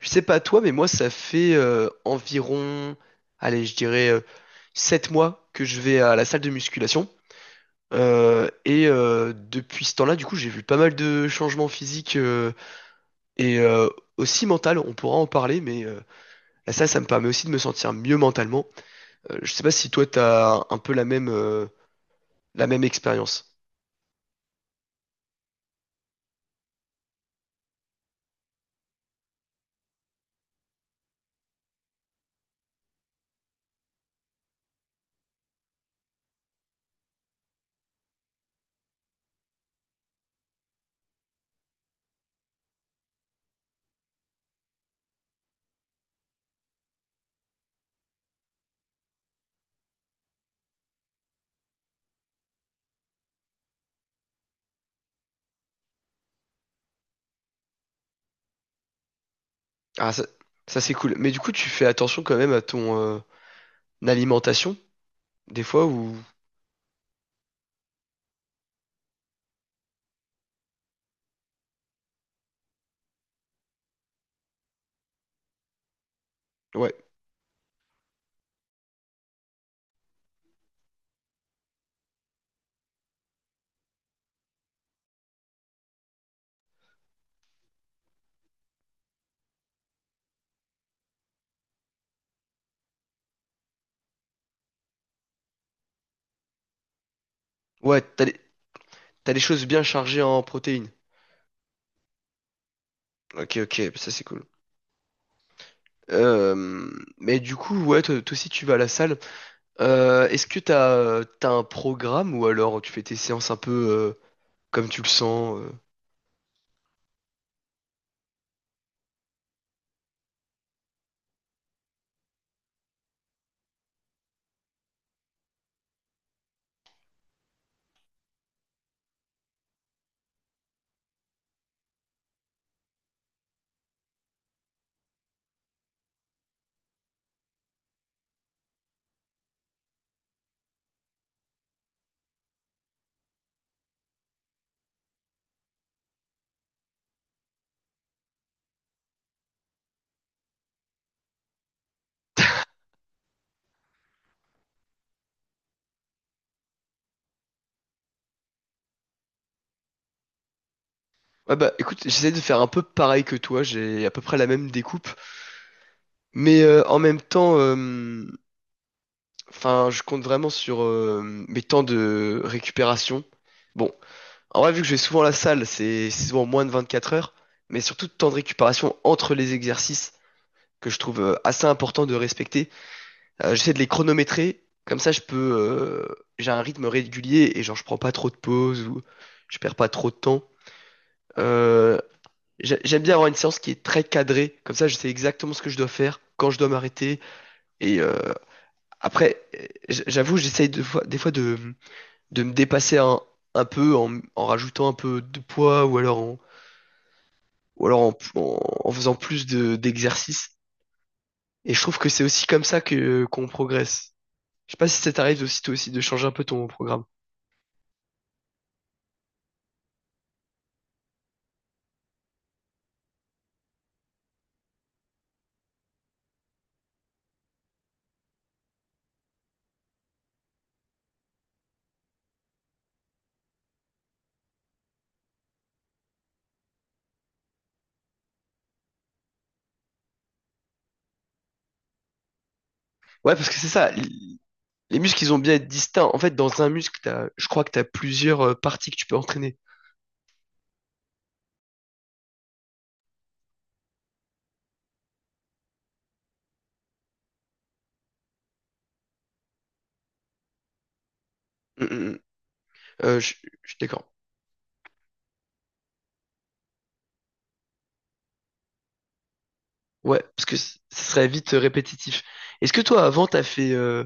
Je sais pas toi, mais moi, ça fait environ, allez, je dirais 7 mois que je vais à la salle de musculation. Depuis ce temps-là, du coup, j'ai vu pas mal de changements physiques et aussi mental. On pourra en parler, mais la salle, ça me permet aussi de me sentir mieux mentalement. Je sais pas si toi, t'as un peu la même expérience. Ah, ça c'est cool. Mais du coup, tu fais attention quand même à ton alimentation, des fois, ou... Ouais, ouais, t'as des choses bien chargées en protéines. Ok, ok, ça c'est cool. Euh, mais du coup, ouais, toi aussi tu vas à la salle. Est-ce que t'as un programme ou alors tu fais tes séances un peu comme tu le sens euh. Ouais bah écoute, j'essaie de faire un peu pareil que toi, j'ai à peu près la même découpe, mais en même temps, enfin, je compte vraiment sur mes temps de récupération. Bon, en vrai, vu que je vais souvent à la salle, c'est souvent moins de 24 heures, mais surtout de temps de récupération entre les exercices que je trouve assez important de respecter. J'essaie de les chronométrer, comme ça je peux, j'ai un rythme régulier et genre je prends pas trop de pauses ou je perds pas trop de temps. Euh, J'aime bien avoir une séance qui est très cadrée, comme ça je sais exactement ce que je dois faire, quand je dois m'arrêter. Et euh, J'avoue, des fois de me dépasser un peu en, en rajoutant un peu de poids ou alors en, ou alors en, en- en faisant plus de, d'exercices. Et je trouve que c'est aussi comme ça que qu'on progresse. Je sais pas si ça t'arrive aussi toi aussi de changer un peu ton programme. Ouais, parce que c'est ça. Les muscles, ils ont bien être distincts. En fait, dans un muscle, je crois que tu as plusieurs parties que tu peux entraîner. Mm, mm, mm. Euh, je je suis d'accord. Ouais, parce que ça serait vite répétitif. Est-ce que toi, avant, t'as fait... euh,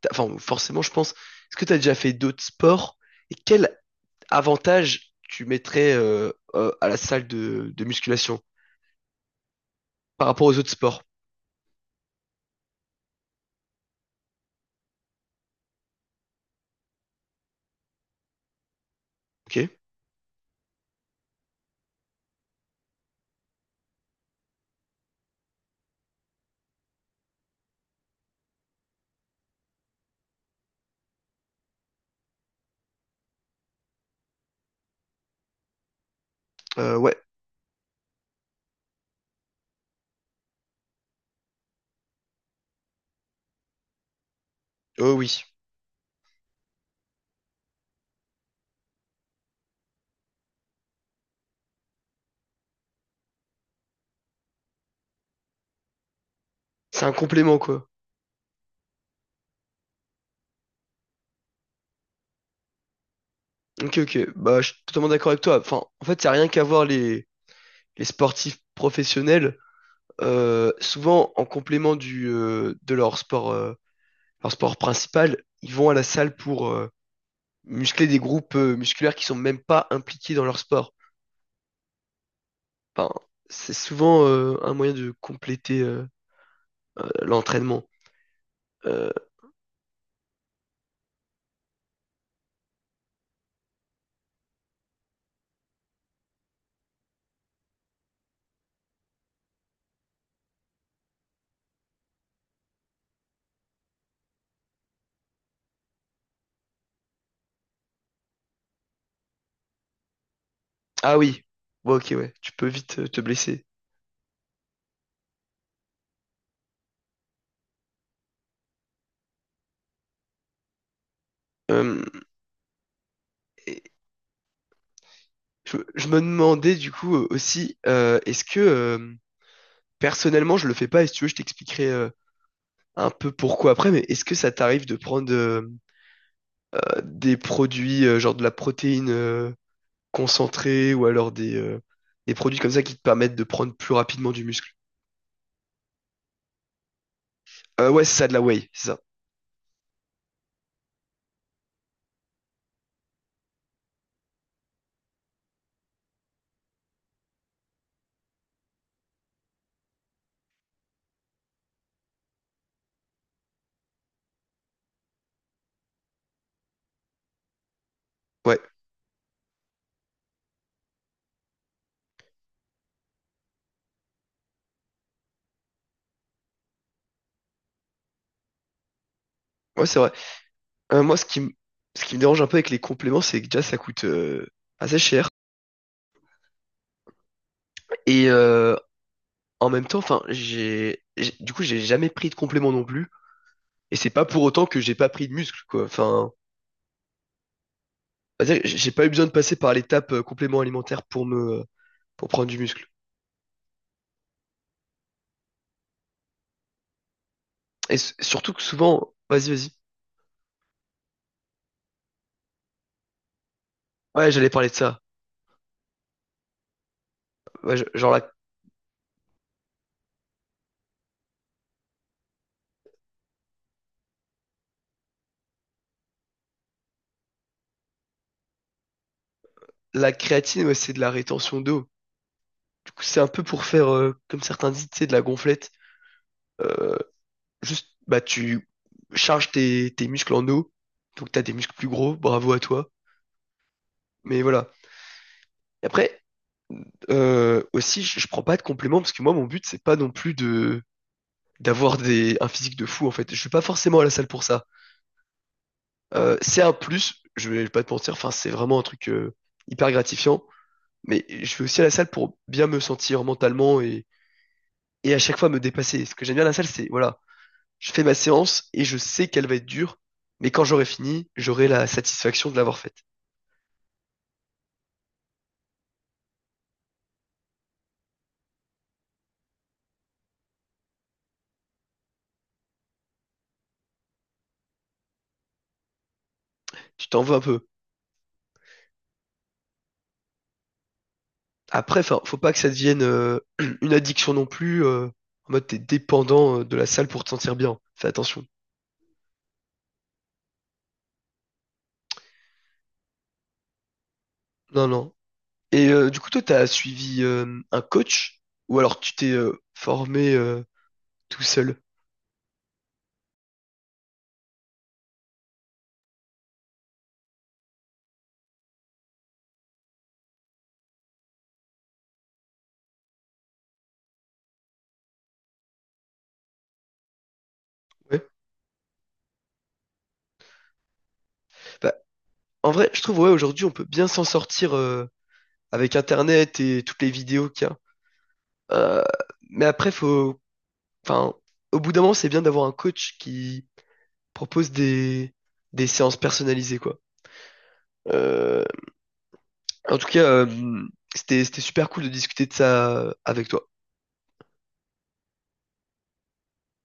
t'as- enfin, forcément, je pense. Est-ce que t'as déjà fait d'autres sports? Et quel avantage tu mettrais à la salle de musculation par rapport aux autres sports? Ok. Ouais. Oh oui. C'est un complément, quoi. Ok, ok. Bah, je suis totalement d'accord avec toi. Enfin, en fait, ça n'a rien qu'à voir les sportifs professionnels. Souvent, en complément de leur sport principal, ils vont à la salle pour muscler des groupes musculaires qui sont même pas impliqués dans leur sport. Enfin, c'est souvent un moyen de compléter l'entraînement. Euh, ah oui. Ouais, ok, ouais. Tu peux vite te blesser. Euh, je me demandais du coup aussi, est-ce que personnellement je le fais pas, et si tu veux, je t'expliquerai un peu pourquoi après, mais est-ce que ça t'arrive de prendre des produits genre de la protéine concentrée ou alors des produits comme ça qui te permettent de prendre plus rapidement du muscle? Ouais, c'est ça, de la whey, c'est ça. Ouais, ouais, c'est vrai. Moi, ce qui me dérange un peu avec les compléments, c'est que déjà ça coûte assez cher. Et euh, en même temps, enfin, du coup, j'ai jamais pris de compléments non plus. Et c'est pas pour autant que j'ai pas pris de muscle, quoi. Enfin, on va dire que j'ai pas eu besoin de passer par l'étape complément alimentaire pour pour prendre du muscle. Surtout que souvent, vas-y, vas-y. Ouais, j'allais parler de ça. Ouais, je- genre la, la créatine, ouais, c'est de la rétention d'eau. Du coup, c'est un peu pour faire, comme certains disent, tu sais, de la gonflette. Juste, bah, tu charges tes muscles en eau. Donc, t'as des muscles plus gros. Bravo à toi. Mais voilà. Et après, aussi, je prends pas de compléments parce que moi, mon but, c'est pas non plus de d'avoir des un physique de fou en fait. Je suis pas forcément à la salle pour ça. C'est un plus, je vais pas te mentir, enfin c'est vraiment un truc hyper gratifiant, mais je vais aussi à la salle pour bien me sentir mentalement et à chaque fois me dépasser. Ce que j'aime bien à la salle, c'est voilà, je fais ma séance et je sais qu'elle va être dure, mais quand j'aurai fini, j'aurai la satisfaction de l'avoir faite. Tu t'en veux un peu. Après, enfin, faut pas que ça devienne une addiction non plus. En mode, t'es dépendant de la salle pour te sentir bien. Fais attention. Non, non. Et du coup, toi, t'as suivi un coach ou alors tu t'es formé tout seul? Ouais. Bah, en vrai, je trouve ouais, aujourd'hui, on peut bien s'en sortir avec Internet et toutes les vidéos qu'il y a. Euh, mais après, faut, enfin, au bout d'un moment, c'est bien d'avoir un coach qui propose des séances personnalisées, quoi. Euh, En tout cas, c'était super cool de discuter de ça avec toi.